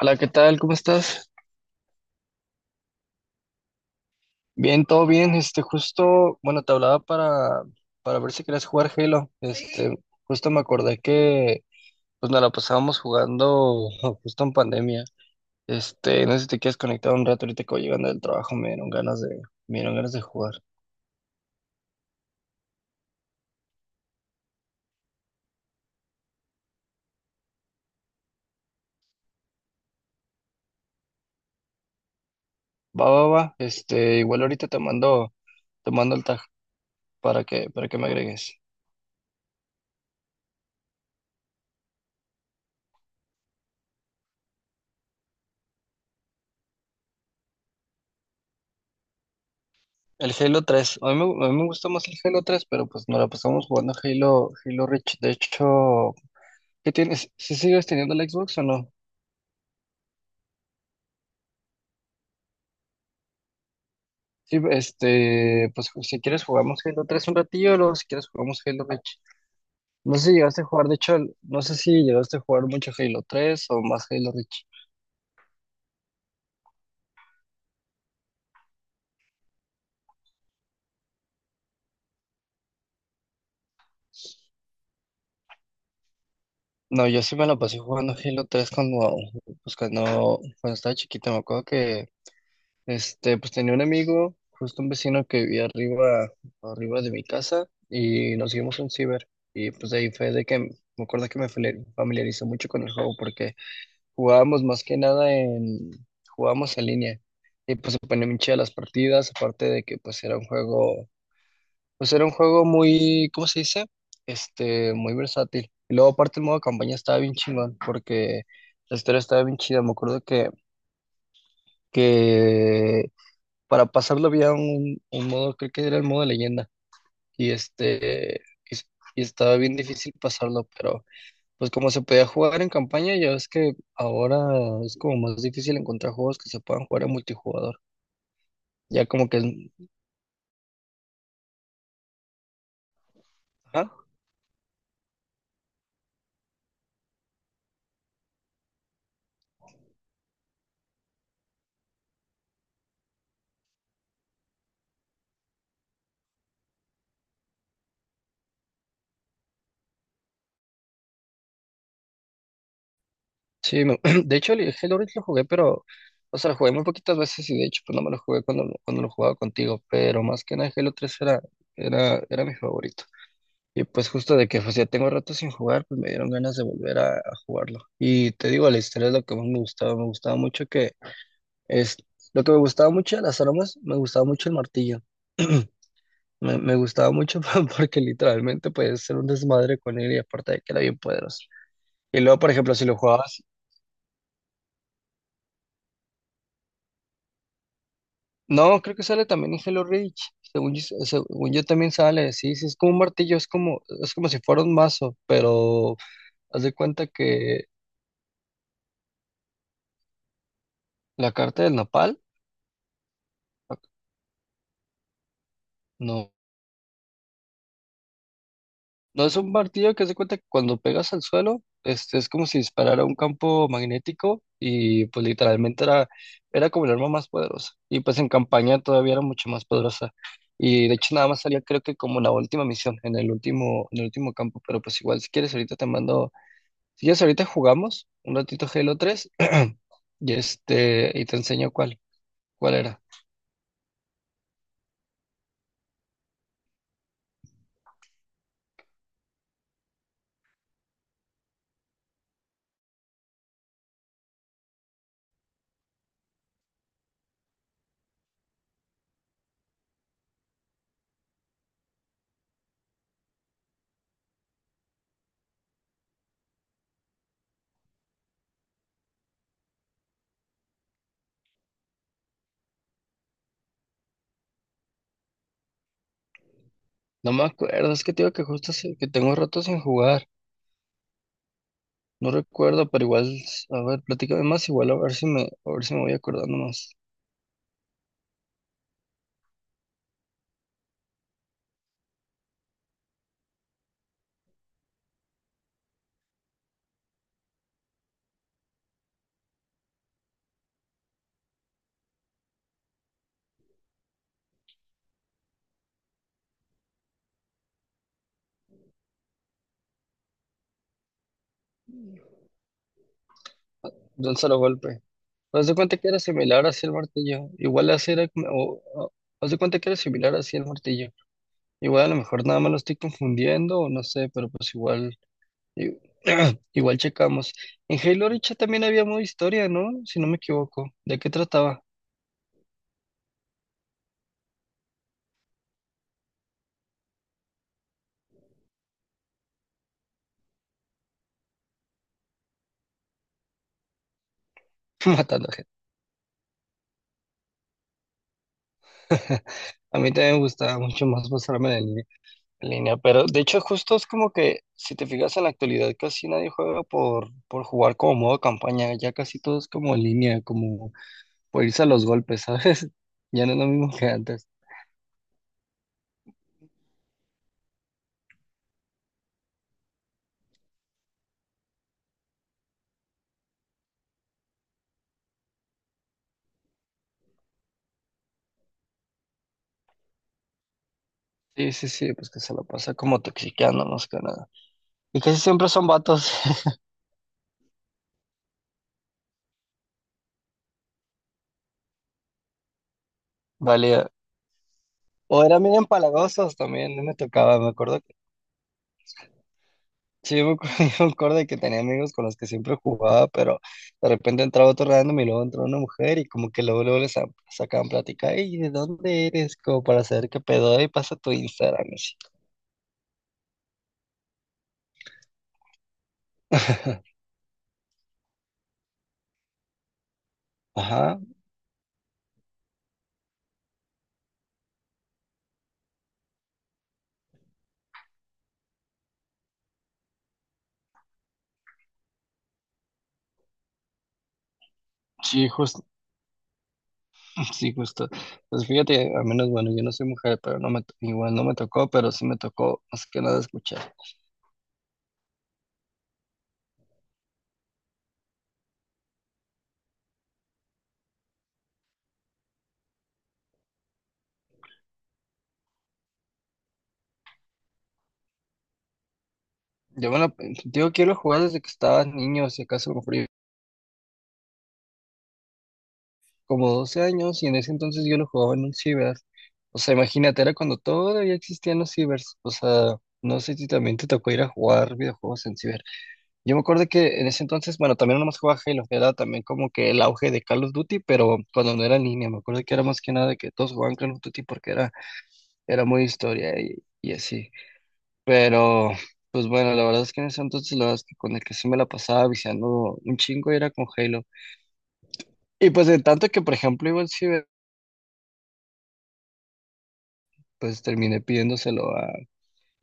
Hola, ¿qué tal? ¿Cómo estás? Bien, todo bien. Justo, bueno, te hablaba para ver si querías jugar Halo. Justo me acordé que pues nos la pasábamos jugando justo en pandemia. No sé si te quieres conectar un rato ahorita que voy llegando del trabajo, me dieron ganas de jugar. Va, va, va. Igual ahorita te mando el tag para que me agregues. El Halo tres. A mí me gustó más el Halo 3, pero pues nos la pasamos jugando Halo, Halo Reach. De hecho. ¿Qué tienes? ¿Sí sigues teniendo el Xbox o no? Sí, pues si quieres jugamos Halo 3 un ratillo, luego si quieres jugamos Halo Reach. No sé si llegaste a jugar, de hecho, no sé si llegaste a jugar mucho Halo 3 o más Halo Reach. No, yo sí me la pasé jugando Halo 3 cuando estaba chiquito, me acuerdo que, pues tenía un amigo, justo un vecino que vivía arriba de mi casa, y nos hicimos un ciber, y pues de ahí fue de que me acuerdo que me familiarizó mucho con el juego, porque Jugábamos más que nada en, jugábamos en línea. Y pues se ponían bien chidas las partidas, aparte de que pues era un juego muy, ¿cómo se dice? Muy versátil. Y luego aparte el modo campaña estaba bien chingón, porque la historia estaba bien chida. Me acuerdo que para pasarlo había un modo, creo que era el modo leyenda. Y este, y, y estaba bien difícil pasarlo, pero pues como se podía jugar en campaña, ya ves que ahora es como más difícil encontrar juegos que se puedan jugar en multijugador. Ya como que es... Ajá. Sí, de hecho el Halo Reach lo jugué, pero... O sea, lo jugué muy poquitas veces y de hecho pues no me lo jugué cuando lo jugaba contigo, pero más que nada el Halo 3 era mi favorito. Y pues justo de que pues ya tengo rato sin jugar, pues me dieron ganas de volver a jugarlo. Y te digo, la historia es lo que más me gustaba mucho que... Es, lo que me gustaba mucho de las armas, me gustaba mucho el martillo. Me gustaba mucho porque literalmente podías hacer un desmadre con él y aparte de que era bien poderoso. Y luego, por ejemplo, si lo jugabas... No, creo que sale también en Hello Reach. Según yo también sale, sí, sí, es como un martillo, es como si fuera un mazo, pero haz de cuenta que la carta del nopal, no. No es un martillo que se cuenta que cuando pegas al suelo, este es como si disparara un campo magnético y pues literalmente era, era como el arma más poderosa. Y pues en campaña todavía era mucho más poderosa. Y de hecho nada más salía creo que como la última misión, en el último campo. Pero pues igual si quieres ahorita te mando, si quieres ahorita jugamos un ratito Halo 3 y te enseño cuál era. No me acuerdo, es que te digo que justo que tengo rato sin jugar. No recuerdo, pero igual, a ver, platícame más, igual a ver si me voy acordando más. De un solo golpe. Haz de cuenta que era similar así el martillo. Igual así era, haz de cuenta que era similar así el martillo. Igual a lo mejor nada más lo estoy confundiendo, o no sé, pero pues igual, i- igual checamos. En Halo Reach también había modo historia, ¿no? Si no me equivoco. ¿De qué trataba? Matando gente. A mí también me gustaba mucho más pasarme de niño en línea, pero de hecho justo es como que si te fijas en la actualidad casi nadie juega por jugar como modo campaña, ya casi todo es como en línea, como por irse a los golpes, ¿sabes? Ya no es lo mismo que antes. Sí, sí, sí, pues que se lo pasa como toxiqueando más que nada. Y casi siempre son vatos, valía. O eran bien empalagosos también, no me tocaba, me acuerdo. Sí, yo me acuerdo de que tenía amigos con los que siempre jugaba, pero de repente entraba otro random y luego entró una mujer y como que luego les sacaban plática, ¿y de dónde eres? Como para saber qué pedo, y pasa tu Instagram. Y así. Ajá, sí, justo, sí, justo. Pues fíjate, al menos, bueno, yo no soy mujer, pero igual no me tocó, pero sí me tocó más que nada escuchar. Yo, bueno, digo, quiero jugar desde que estaba niño, si acaso, a lo mejor como 12 años, y en ese entonces yo lo jugaba en un ciber. O sea, imagínate, era cuando todavía existían los cibers. O sea, no sé si también te tocó ir a jugar videojuegos en ciber. Yo me acuerdo que en ese entonces, bueno, también nomás jugaba Halo, que era también como que el auge de Call of Duty, pero cuando no era en línea, me acuerdo que era más que nada de que todos jugaban Call of Duty porque era muy historia y así. Pero, pues bueno, la verdad es que en ese entonces, la verdad es que con el que sí me la pasaba viciando un chingo era con Halo. Y pues de tanto que, por ejemplo, iba al ciber, pues terminé pidiéndoselo a,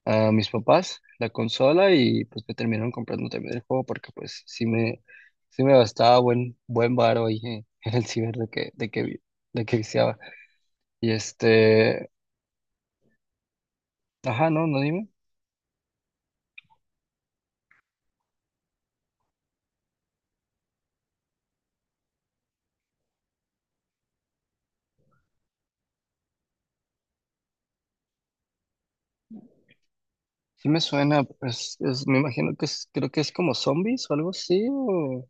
a mis papás, la consola, y pues me terminaron comprando también el juego porque pues sí me gastaba buen varo ahí en, en el ciber de que viciaba. Y este, ajá, no, no dime. Sí me suena, pues me imagino que es, creo que es como zombies o algo así.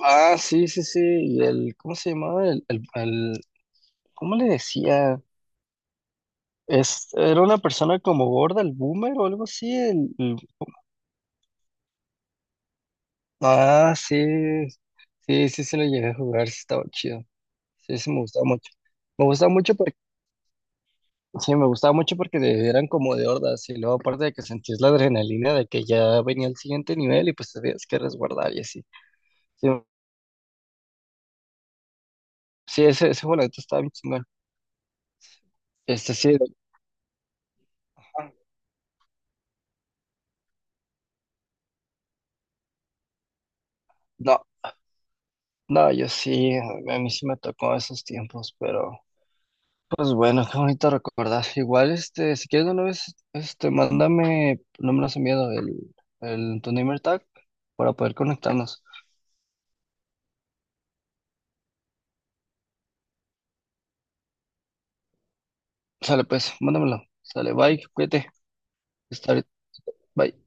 Ah, sí, sí, sí. Y el, ¿cómo se llamaba? ¿Cómo le decía? Era una persona como gorda, el boomer o algo así, el Ah, sí, sí, sí, se lo llegué a jugar, sí estaba chido. Sí, sí, me gustaba mucho. Me gustaba mucho porque, sí, me gustaba mucho porque eran como de hordas y luego aparte de que sentías la adrenalina de que ya venía el siguiente nivel y pues tenías que resguardar y así. Sí, sí, ese juego estaba bien chingón. Este sí, no, no, yo sí, a mí sí me tocó esos tiempos, pero... Pues bueno, qué bonito recordar. Igual, si quieres de una vez, mándame, no me lo has enviado, el, tu name tag para poder conectarnos. Sale pues, mándamelo. Sale, bye, cuídate. Hasta ahorita, bye.